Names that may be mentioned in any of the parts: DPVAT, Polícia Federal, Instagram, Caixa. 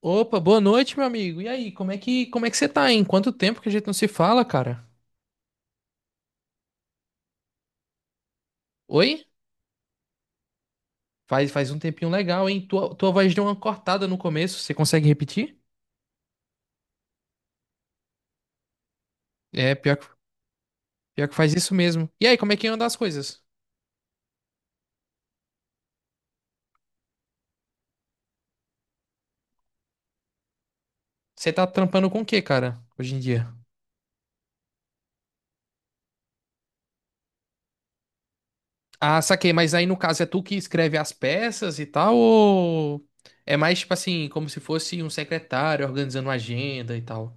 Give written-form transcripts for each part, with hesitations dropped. Opa, boa noite, meu amigo. E aí, como é que você tá, hein? Quanto tempo que a gente não se fala, cara? Oi? Faz um tempinho legal, hein? Tua voz deu uma cortada no começo, você consegue repetir? É, pior que, Pior que faz isso mesmo. E aí, como é que anda as coisas? Você tá trampando com o que, cara, hoje em dia? Ah, saquei, mas aí no caso é tu que escreve as peças e tal, ou é mais tipo assim, como se fosse um secretário organizando uma agenda e tal?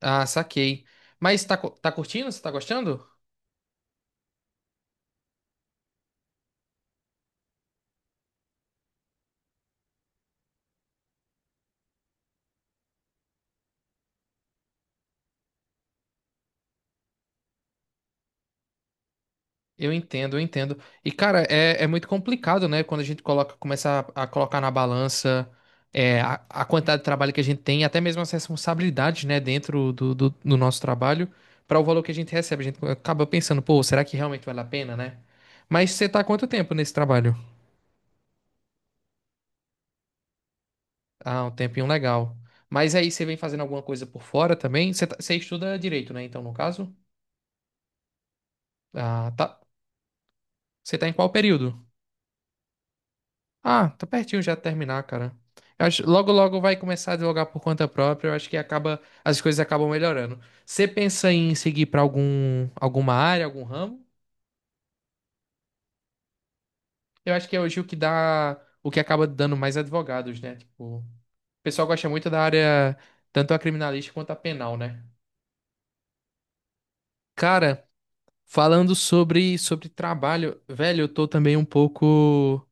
Ah, saquei. Mas tá, tá curtindo? Você tá gostando? Eu entendo, eu entendo. E, cara, é muito complicado, né? Quando a gente coloca, começa a colocar na balança a quantidade de trabalho que a gente tem, até mesmo as responsabilidades, né, dentro do nosso trabalho, para o valor que a gente recebe. A gente acaba pensando, pô, será que realmente vale a pena, né? Mas você tá há quanto tempo nesse trabalho? Ah, um tempinho legal. Mas aí você vem fazendo alguma coisa por fora também? Você, você estuda direito, né? Então, no caso, ah, tá. Você tá em qual período? Ah, tá pertinho já de terminar, cara. Eu acho, logo, logo vai começar a advogar por conta própria. Eu acho que acaba, as coisas acabam melhorando. Você pensa em seguir pra algum, alguma área, algum ramo? Eu acho que é hoje o que dá, o que acaba dando mais advogados, né? Tipo, o pessoal gosta muito da área, tanto a criminalística quanto a penal, né? Cara, falando sobre trabalho, velho, eu tô também um pouco.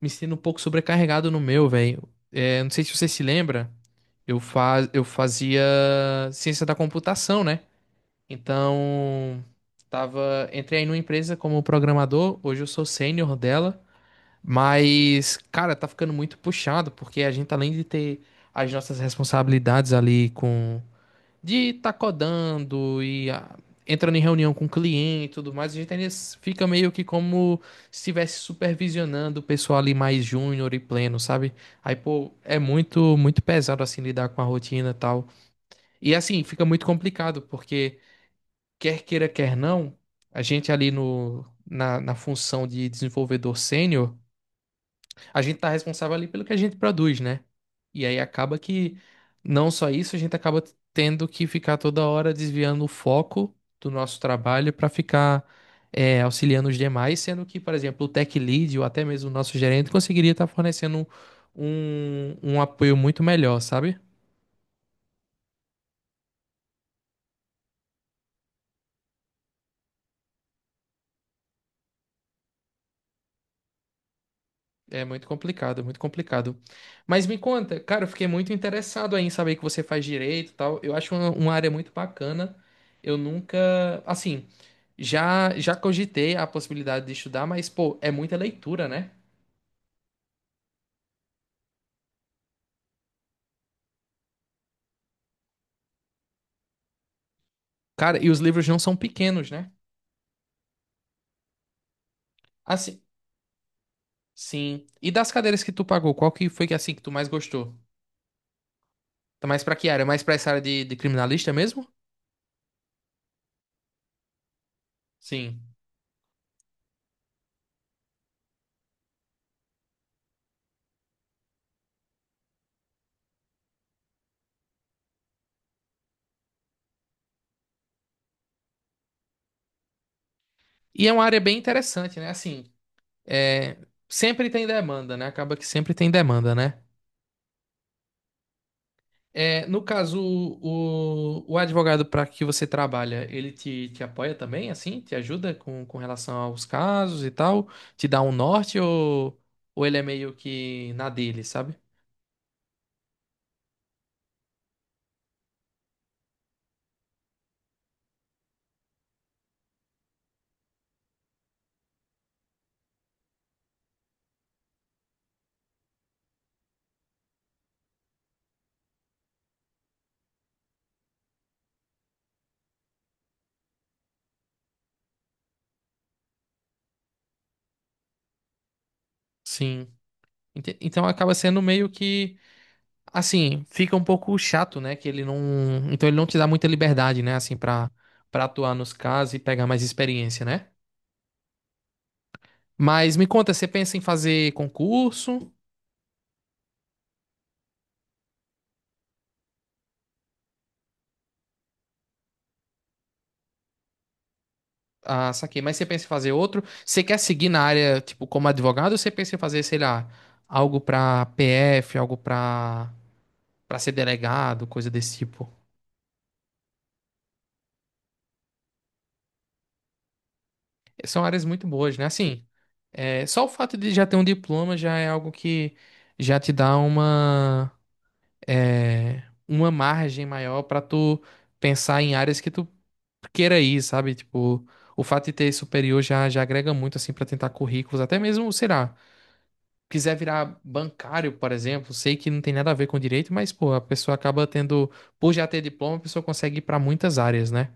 Me sinto um pouco sobrecarregado no meu, velho. É, não sei se você se lembra, eu fazia ciência da computação, né? Então, tava, entrei aí numa empresa como programador, hoje eu sou sênior dela, mas, cara, tá ficando muito puxado, porque a gente, além de ter as nossas responsabilidades ali com de tá codando e entrando em reunião com o cliente e tudo mais, a gente ainda fica meio que como se estivesse supervisionando o pessoal ali mais júnior e pleno, sabe? Aí, pô, é muito pesado assim lidar com a rotina e tal. E assim, fica muito complicado, porque quer queira, quer não, a gente ali no, na, na função de desenvolvedor sênior a gente tá responsável ali pelo que a gente produz, né? E aí acaba que não só isso, a gente acaba tendo que ficar toda hora desviando o foco do nosso trabalho para ficar auxiliando os demais, sendo que, por exemplo, o tech lead ou até mesmo o nosso gerente conseguiria estar fornecendo um apoio muito melhor, sabe? É muito complicado, muito complicado. Mas me conta, cara, eu fiquei muito interessado aí em saber que você faz direito e tal. Eu acho uma área muito bacana. Eu nunca, assim, já cogitei a possibilidade de estudar, mas pô, é muita leitura, né? Cara, e os livros não são pequenos, né? Assim, sim. E das cadeiras que tu pagou, qual que foi que assim que tu mais gostou? Tá mais pra que área? Mais pra essa área de criminalista mesmo? Sim. E é uma área bem interessante, né? Assim, é, sempre tem demanda, né? Acaba que sempre tem demanda, né? É, no caso, o advogado para que você trabalha, ele te apoia também, assim? Te ajuda com relação aos casos e tal? Te dá um norte ou ele é meio que na dele, sabe? Sim. Então acaba sendo meio que, assim, fica um pouco chato, né? Que ele não. Então ele não te dá muita liberdade, né? Assim, pra atuar nos casos e pegar mais experiência, né? Mas me conta, você pensa em fazer concurso? Ah, saquei. Mas você pensa em fazer outro? Você quer seguir na área, tipo, como advogado, ou você pensa em fazer, sei lá, algo pra PF, algo pra ser delegado, coisa desse tipo? É, são áreas muito boas, né? Assim, é, só o fato de já ter um diploma já é algo que já te dá uma, é, uma margem maior pra tu pensar em áreas que tu queira ir, sabe? Tipo, o fato de ter superior já agrega muito, assim, pra tentar currículos, até mesmo, sei lá. Quiser virar bancário, por exemplo, sei que não tem nada a ver com direito, mas, pô, a pessoa acaba tendo, por já ter diploma, a pessoa consegue ir para muitas áreas, né?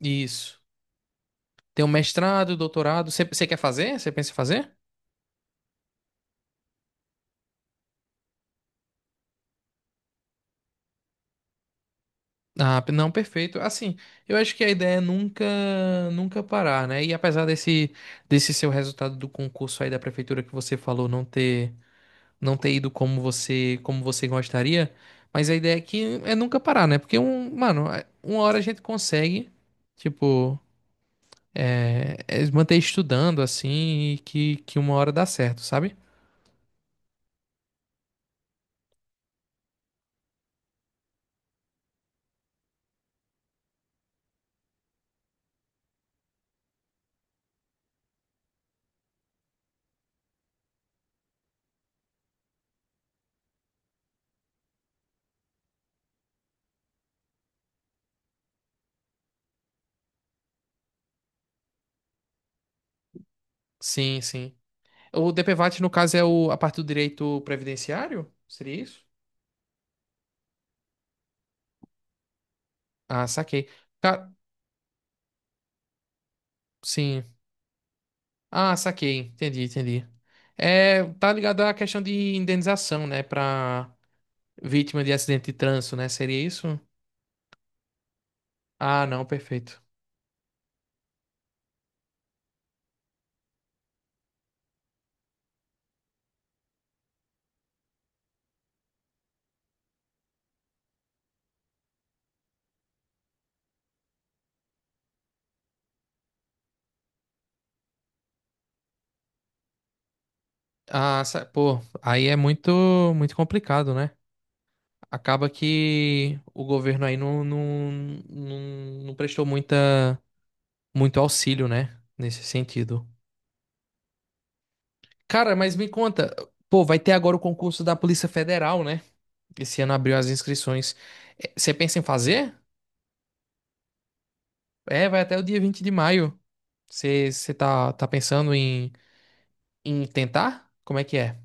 Isso. Tem um mestrado, doutorado. Você quer fazer? Você pensa em fazer? Ah, não, perfeito. Assim, eu acho que a ideia é nunca parar, né? E apesar desse, desse seu resultado do concurso aí da prefeitura que você falou não ter, não ter ido como você gostaria, mas a ideia aqui é que é nunca parar, né? Porque um, mano, é, uma hora a gente consegue, tipo, é manter estudando assim que uma hora dá certo, sabe? Sim, sim. O DPVAT, no caso, é o, a parte do direito previdenciário? Seria isso? Ah, saquei. Ca- Sim. Ah, saquei. Entendi, entendi. É, tá ligado à questão de indenização, né? Pra vítima de acidente de trânsito, né? Seria isso? Ah, não, perfeito. Ah, pô, aí é muito complicado, né? Acaba que o governo aí não, não prestou muita. Muito auxílio, né? Nesse sentido. Cara, mas me conta, pô, vai ter agora o concurso da Polícia Federal, né? Esse ano abriu as inscrições. É, você pensa em fazer? É, vai até o dia 20 de maio. Você tá, tá pensando em, em tentar? Como é que é?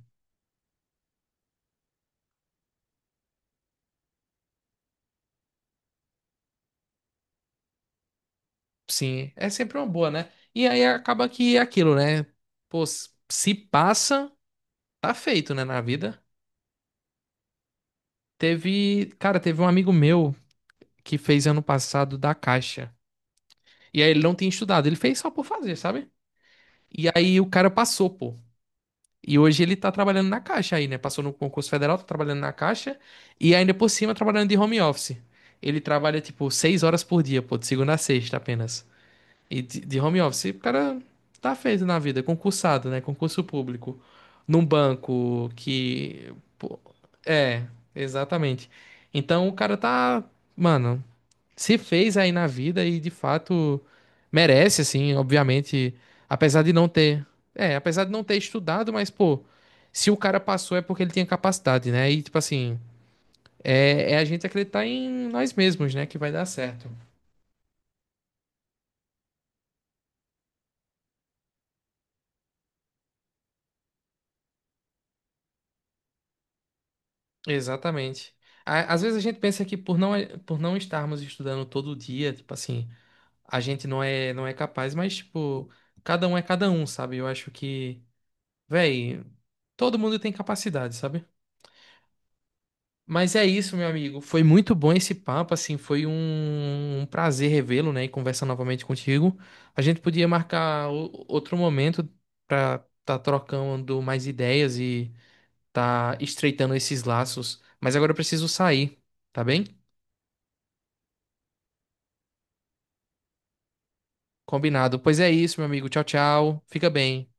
Sim, é sempre uma boa, né? E aí acaba que é aquilo, né? Pô, se passa, tá feito, né, na vida. Teve, cara, teve um amigo meu que fez ano passado da Caixa. E aí ele não tinha estudado, ele fez só por fazer, sabe? E aí o cara passou, pô. E hoje ele tá trabalhando na Caixa aí, né? Passou no concurso federal, tá trabalhando na Caixa e ainda por cima trabalhando de home office. Ele trabalha tipo 6 horas por dia, pô, de segunda a sexta apenas. E de home office, o cara tá feito na vida, concursado, né? Concurso público. Num banco que. Pô, é, exatamente. Então o cara tá. Mano, se fez aí na vida e de fato merece, assim, obviamente, apesar de não ter, é, apesar de não ter estudado, mas pô, se o cara passou é porque ele tinha capacidade, né? E tipo assim, é a gente acreditar em nós mesmos, né, que vai dar certo. Exatamente. Às vezes a gente pensa que por por não estarmos estudando todo dia, tipo assim, a gente não é capaz, mas tipo, cada um é cada um, sabe? Eu acho que, véi, todo mundo tem capacidade, sabe? Mas é isso, meu amigo. Foi muito bom esse papo, assim, foi um prazer revê-lo, né, e conversar novamente contigo. A gente podia marcar outro momento para tá trocando mais ideias e tá estreitando esses laços. Mas agora eu preciso sair, tá bem? Combinado. Pois é isso, meu amigo. Tchau, tchau. Fica bem.